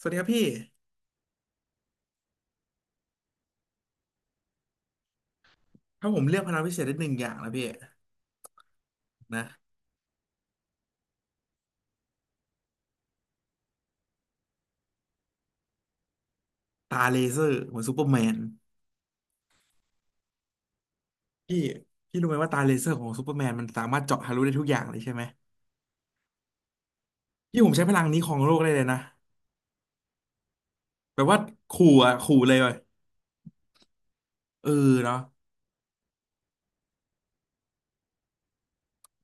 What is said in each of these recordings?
สวัสดีครับพี่ถ้าผมเลือกพลังพิเศษได้หนึ่งอย่างนะพี่นะตาเลเซอร์เหมือนซูเปอร์แมนพี่พี่รู้ไหมว่าตาเลเซอร์ของซูเปอร์แมนมันสามารถเจาะทะลุได้ทุกอย่างเลยใช่ไหมพี่ผมใช้พลังนี้ของโลกได้เลยนะแบบว่าขู่อ่ะขู่เลยเออเนาะ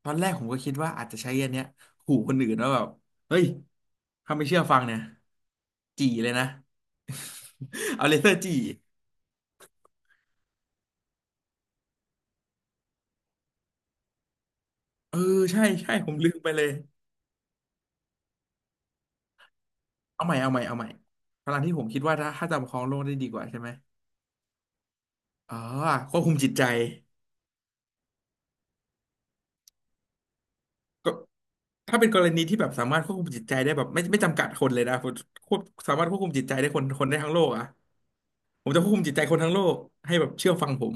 ตอนแรกผมก็คิดว่าอาจจะใช้อันเนี้ยขู่คนอื่นว่าแบบเฮ้ยถ้าไม่เชื่อฟังเนี่ยจี่เลยนะ เอาเลเซอร์จี่เออใช่ใช่ผมลืมไปเลยเอาใหม่เอาใหม่เอาใหม่พลังที่ผมคิดว่าถ้าจะประคองโลกได้ดีกว่าใช่ไหม อ๋อควบคุมจิตใจก็ถ้าเป็นกรณีที่แบบสามารถควบคุมจิตใจได้แบบไม่จำกัดคนเลยนะผมควบสามารถควบคุมจิตใจได้คนคนได้ทั้งโลกอ่ะผมจะควบคุมจิตใจคนทั้งโลกให้แบบเชื่อฟังผม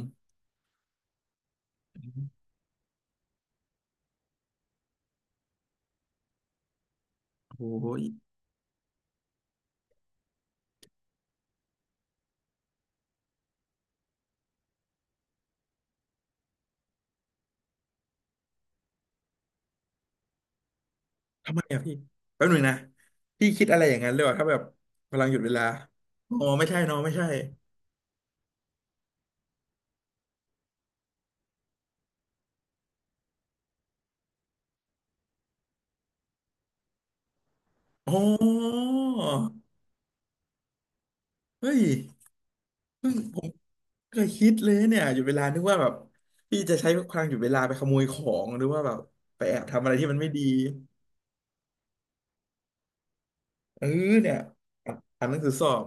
โอ้โหทำไมอ่ะพี่แป๊บหนึ่งนะพี่คิดอะไรอย่างนั้นเลยว่ะถ้าแบบพำลังหยุดเวลาอ๋อไม่ใช่เนอะไม่ใช่อ๋อเฮ้ยเพิ่งผมเคยคิดเลยเนี่ยหยุดเวลานึกว่าแบบพี่จะใช้พลังหยุดเวลาไปขโมยของหรือว่าแบบไปแอบทำอะไรที่มันไม่ดี เออเนี่ยอ่ะอ่านหนังสือสอบ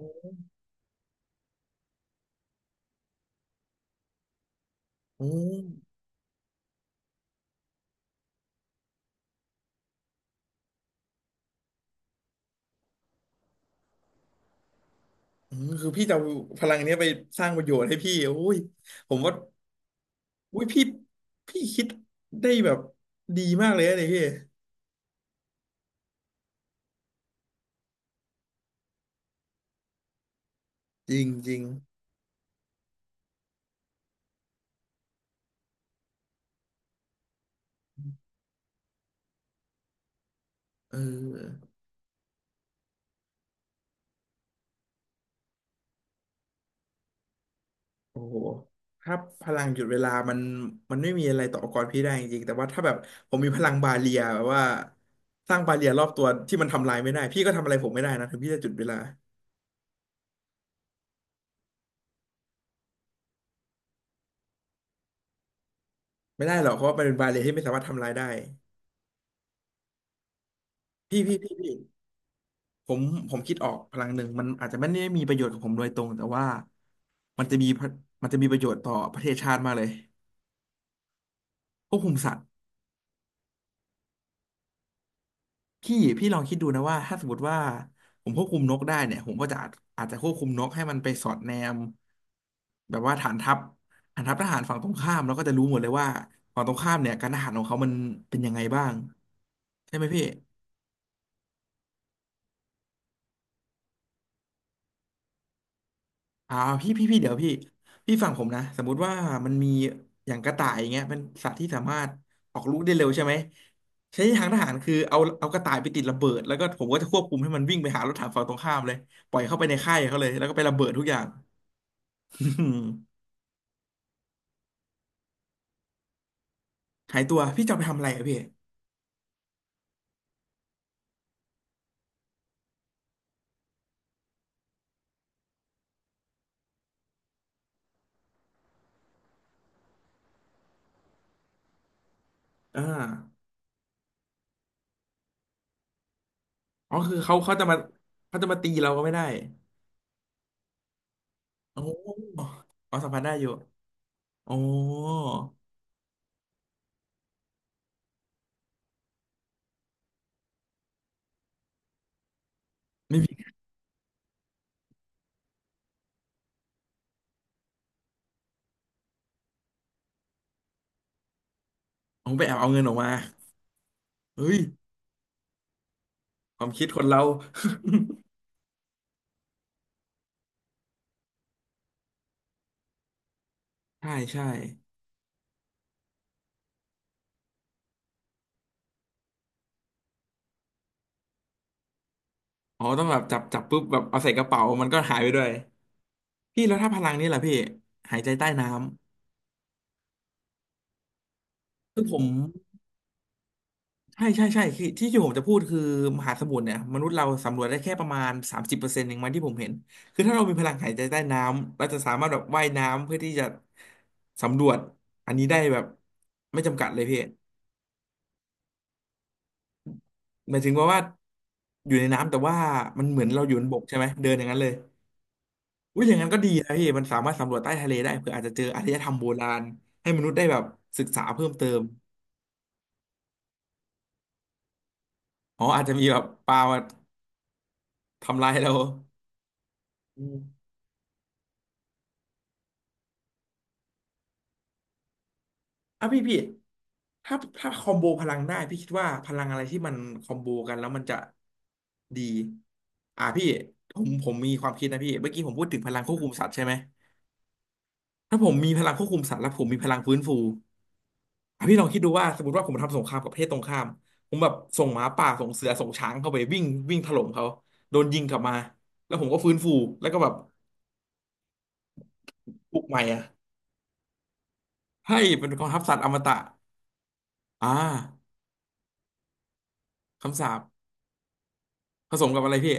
โอ้อืมคือพี่จะเอาพลังเนี้ยไปสร้างประโยชน์ให้พี่อุ้ยผมว่าอุ้ยพี่พี่คิดได้แบบดีมากเลยนะเนี่ยพี่จริงจริงเออโอ้โหถ้าพลังหยุดเวลามันไม่มีอะไรต่ออุปกรพี่ได้จริงๆแต่ว่าถ้าแบบผมมีพลังบาเรียแบบว่าสร้างบาเรียรอบตัวที่มันทำลายไม่ได้พี่ก็ทำอะไรผมไม่ได้นะถึงพี่จะหยุดเวลาไม่ได้หรอกเพราะว่ามันเป็นบาเรียที่ไม่สามารถทำลายได้พี่ ผมผมคิดออกพลังหนึ่งมันอาจจะไม่ได้มีประโยชน์กับผมโดยตรงแต่ว่ามันจะมีพระมันจะมีประโยชน์ต่อประเทศชาติมากเลยควบคุมสัตว์พี่ลองคิดดูนะว่าถ้าสมมติว่าผมควบคุมนกได้เนี่ยผมก็จะอาจจะควบคุมนกให้มันไปสอดแนมแบบว่าฐานทัพฐานทัพทหารฝั่งตรงข้ามแล้วก็จะรู้หมดเลยว่าฝั่งตรงข้ามเนี่ยการทหารของเขามันเป็นยังไงบ้างใช่ไหมพี่ อ่าพี่เดี๋ยวพี่พี่ฟังผมนะสมมุติว่ามันมีอย่างกระต่ายอย่างเงี้ยเป็นสัตว์ที่สามารถออกลูกได้เร็วใช่ไหมใช้ทางทหารคือเอากระต่ายไปติดระเบิดแล้วก็ผมก็จะควบคุมให้มันวิ่งไปหารถถังฝั่งตรงข้ามเลยปล่อยเข้าไปในค่ายเขาเลยแล้วก็ไประเบิดทุกอย่าง หายตัวพี่จะเอาไปทำอะไรอะพี่อ่าอ๋อคือเขาจะมาเขาจะมาตีเราก็ไม่ได้โอ้อ๋อสัมผัสได้อยู่โอ้ไม่มีผมไปแอบเอาเงินออกมาเฮ้ยความคิดคนเรา ใช่ใช่ อ๋อต้องแบบจับปุ๊บแบบเอาใส่กระเป๋ามันก็หายไปด้วยพี่แล้วถ้าพลังนี่ล่ะพี่หายใจใต้น้ำคือผมใช่ใช่ใช่คือที่ผมจะพูดคือมหาสมุทรเนี่ยมนุษย์เราสำรวจได้แค่ประมาณ30%เองมั้งที่ผมเห็นคือถ้าเรามีพลังหายใจใต้น้ำเราจะสามารถแบบว่ายน้ำเพื่อที่จะสำรวจอันนี้ได้แบบไม่จำกัดเลยพี่หมายถึงว่าอยู่ในน้ำแต่ว่ามันเหมือนเราอยู่บนบกใช่ไหมเดินอย่างนั้นเลย อุ้ยอย่างนั้นก็ดีนะพี่มันสามารถสำรวจใต้ทะเลได้เผื่ออาจจะเจออารยธรรมโบราณให้มนุษย์ได้แบบศึกษาเพิ่มเติมอ๋ออาจจะมีแบบปลามาทำลายเราอืมอ่ะพี่ถ้าคอมโบพลังได้พี่คิดว่าพลังอะไรที่มันคอมโบกันแล้วมันจะดีอ่ะพี่ผมมีความคิดนะพี่เมื่อกี้ผมพูดถึงพลังควบคุมสัตว์ใช่ไหมถ้าผมมีพลังควบคุมสัตว์แล้วผมมีพลังฟื้นฟู อพี่ลองคิดดูว่าสมมติว่าผมทำสงครามกับประเทศตรงข้ามผมแบบส่งหมาป่าส่งเสือส่งช้างเข้าไปวิ่งวิ่งถล่มเขาโดนยิงกลับมาแล้วผมก็ฟื้นฟูแล้วก็แบบปลุกใหม่อ่ะให้เป็นกองทัพสัตว์อมตะอ่าคำสาปผสมกับอะไรพี่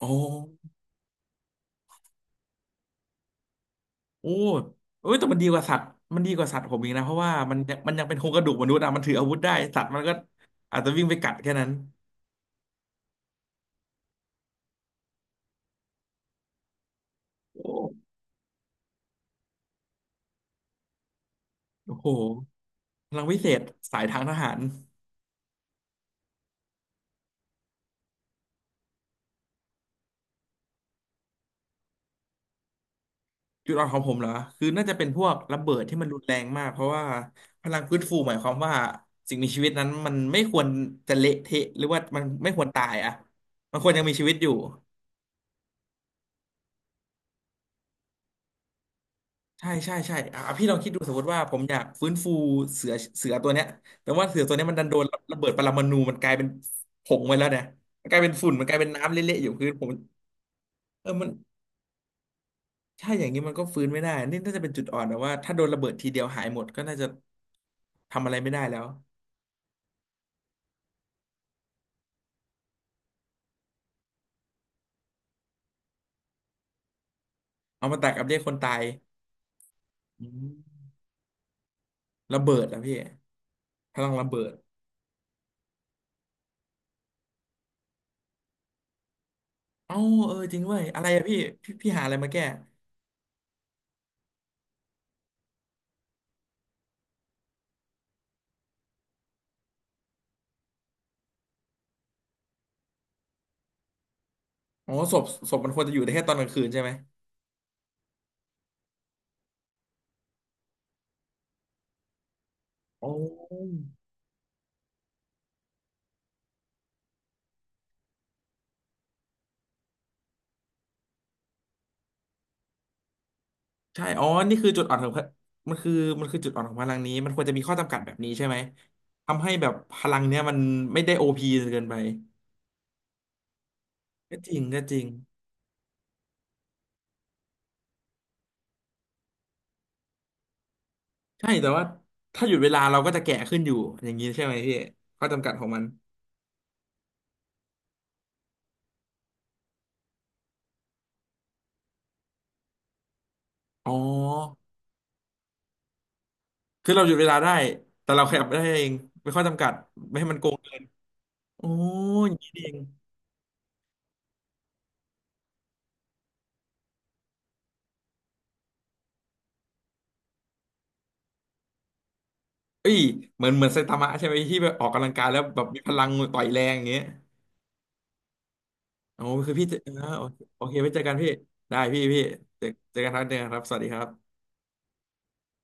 อ๋อโอ้เอ้ยแต่มันดีกว่าสัตว์มันดีกว่าสัตว์ผมอีกนะเพราะว่ามันมันยังเป็นโครงกระดูกมนุษย์อะมันถืออาวุธได้สัตว์มันก็อาจจะวิ่งไปกัดแค่นั้นโอ้โหพลังวิเศษสายทางทหาร จุดอ่อนของผมเหรอคือน่าจะเป็นพวกระเบิดที่มันรุนแรงมากเพราะว่าพลังฟื้นฟูหมายความว่าสิ่งมีชีวิตนั้นมันไม่ควรจะเละเทะหรือว่ามันไม่ควรตายอ่ะมันควรยังมีชีวิตอยู่ใช่ใช่ใช่อ่ะพี่ลองคิดดูสมมติว่าผมอยากฟื้นฟูเสือตัวเนี้ยแต่ว่าเสือตัวเนี้ยมันดันโดนระเบิดปรมาณูมันกลายเป็นผงไปแล้วเนี่ยมันกลายเป็นฝุ่นมันกลายเป็นน้ำเละๆอยู่คือผมเออใช่อย่างนี้มันก็ฟื้นไม่ได้นี่น่าจะเป็นจุดอ่อนนะว่าถ้าโดนระเบิดทีเดียวหายหมดก็น่าจะทำอะไรไม่ได้แล้ว อมตะกับเรียกคนตายอืมระเบิดอะพี่พลังระเบิดเอ้าเออจริงเว้ยอะไรอะพี่พี่หาอะไรมาแก้อ๋อศพศพมันควรจะอยู่ได้แค่ตอนกลางคืนใช่ไหมอ๋อใช่อ๋อนี่คือจุดอ่อนของพะมันคือมันคือจุดอ่อนของพลังนี้มันควรจะมีข้อจำกัดแบบนี้ใช่ไหมทำให้แบบพลังเนี้ยมันไม่ได้โอพีเกินไปก็จริงใช่แต่ว่าถ้าหยุดเวลาเราก็จะแก่ขึ้นอยู่อย่างนี้ใช่ไหมพี่ข้อจำกัดของมันอ๋อ คือเราหยุดเวลาได้ แต่เราขยับได้เอง ไม่ข้อจำกัด ไม่ให้มันโกงเกินโอ้ยอย่างนี้นี่เองเอ้ยเหมือนไซตามะใช่ไหมที่แบบออกกำลังกายแล้วแบบมีพลังต่อยแรงอย่างเงี้ยโอ้คือพี่เจออ่าโอเคโอเคไว้เจอกันพี่ได้พี่เจอกันครับเจอกันครับสวัสดีครับ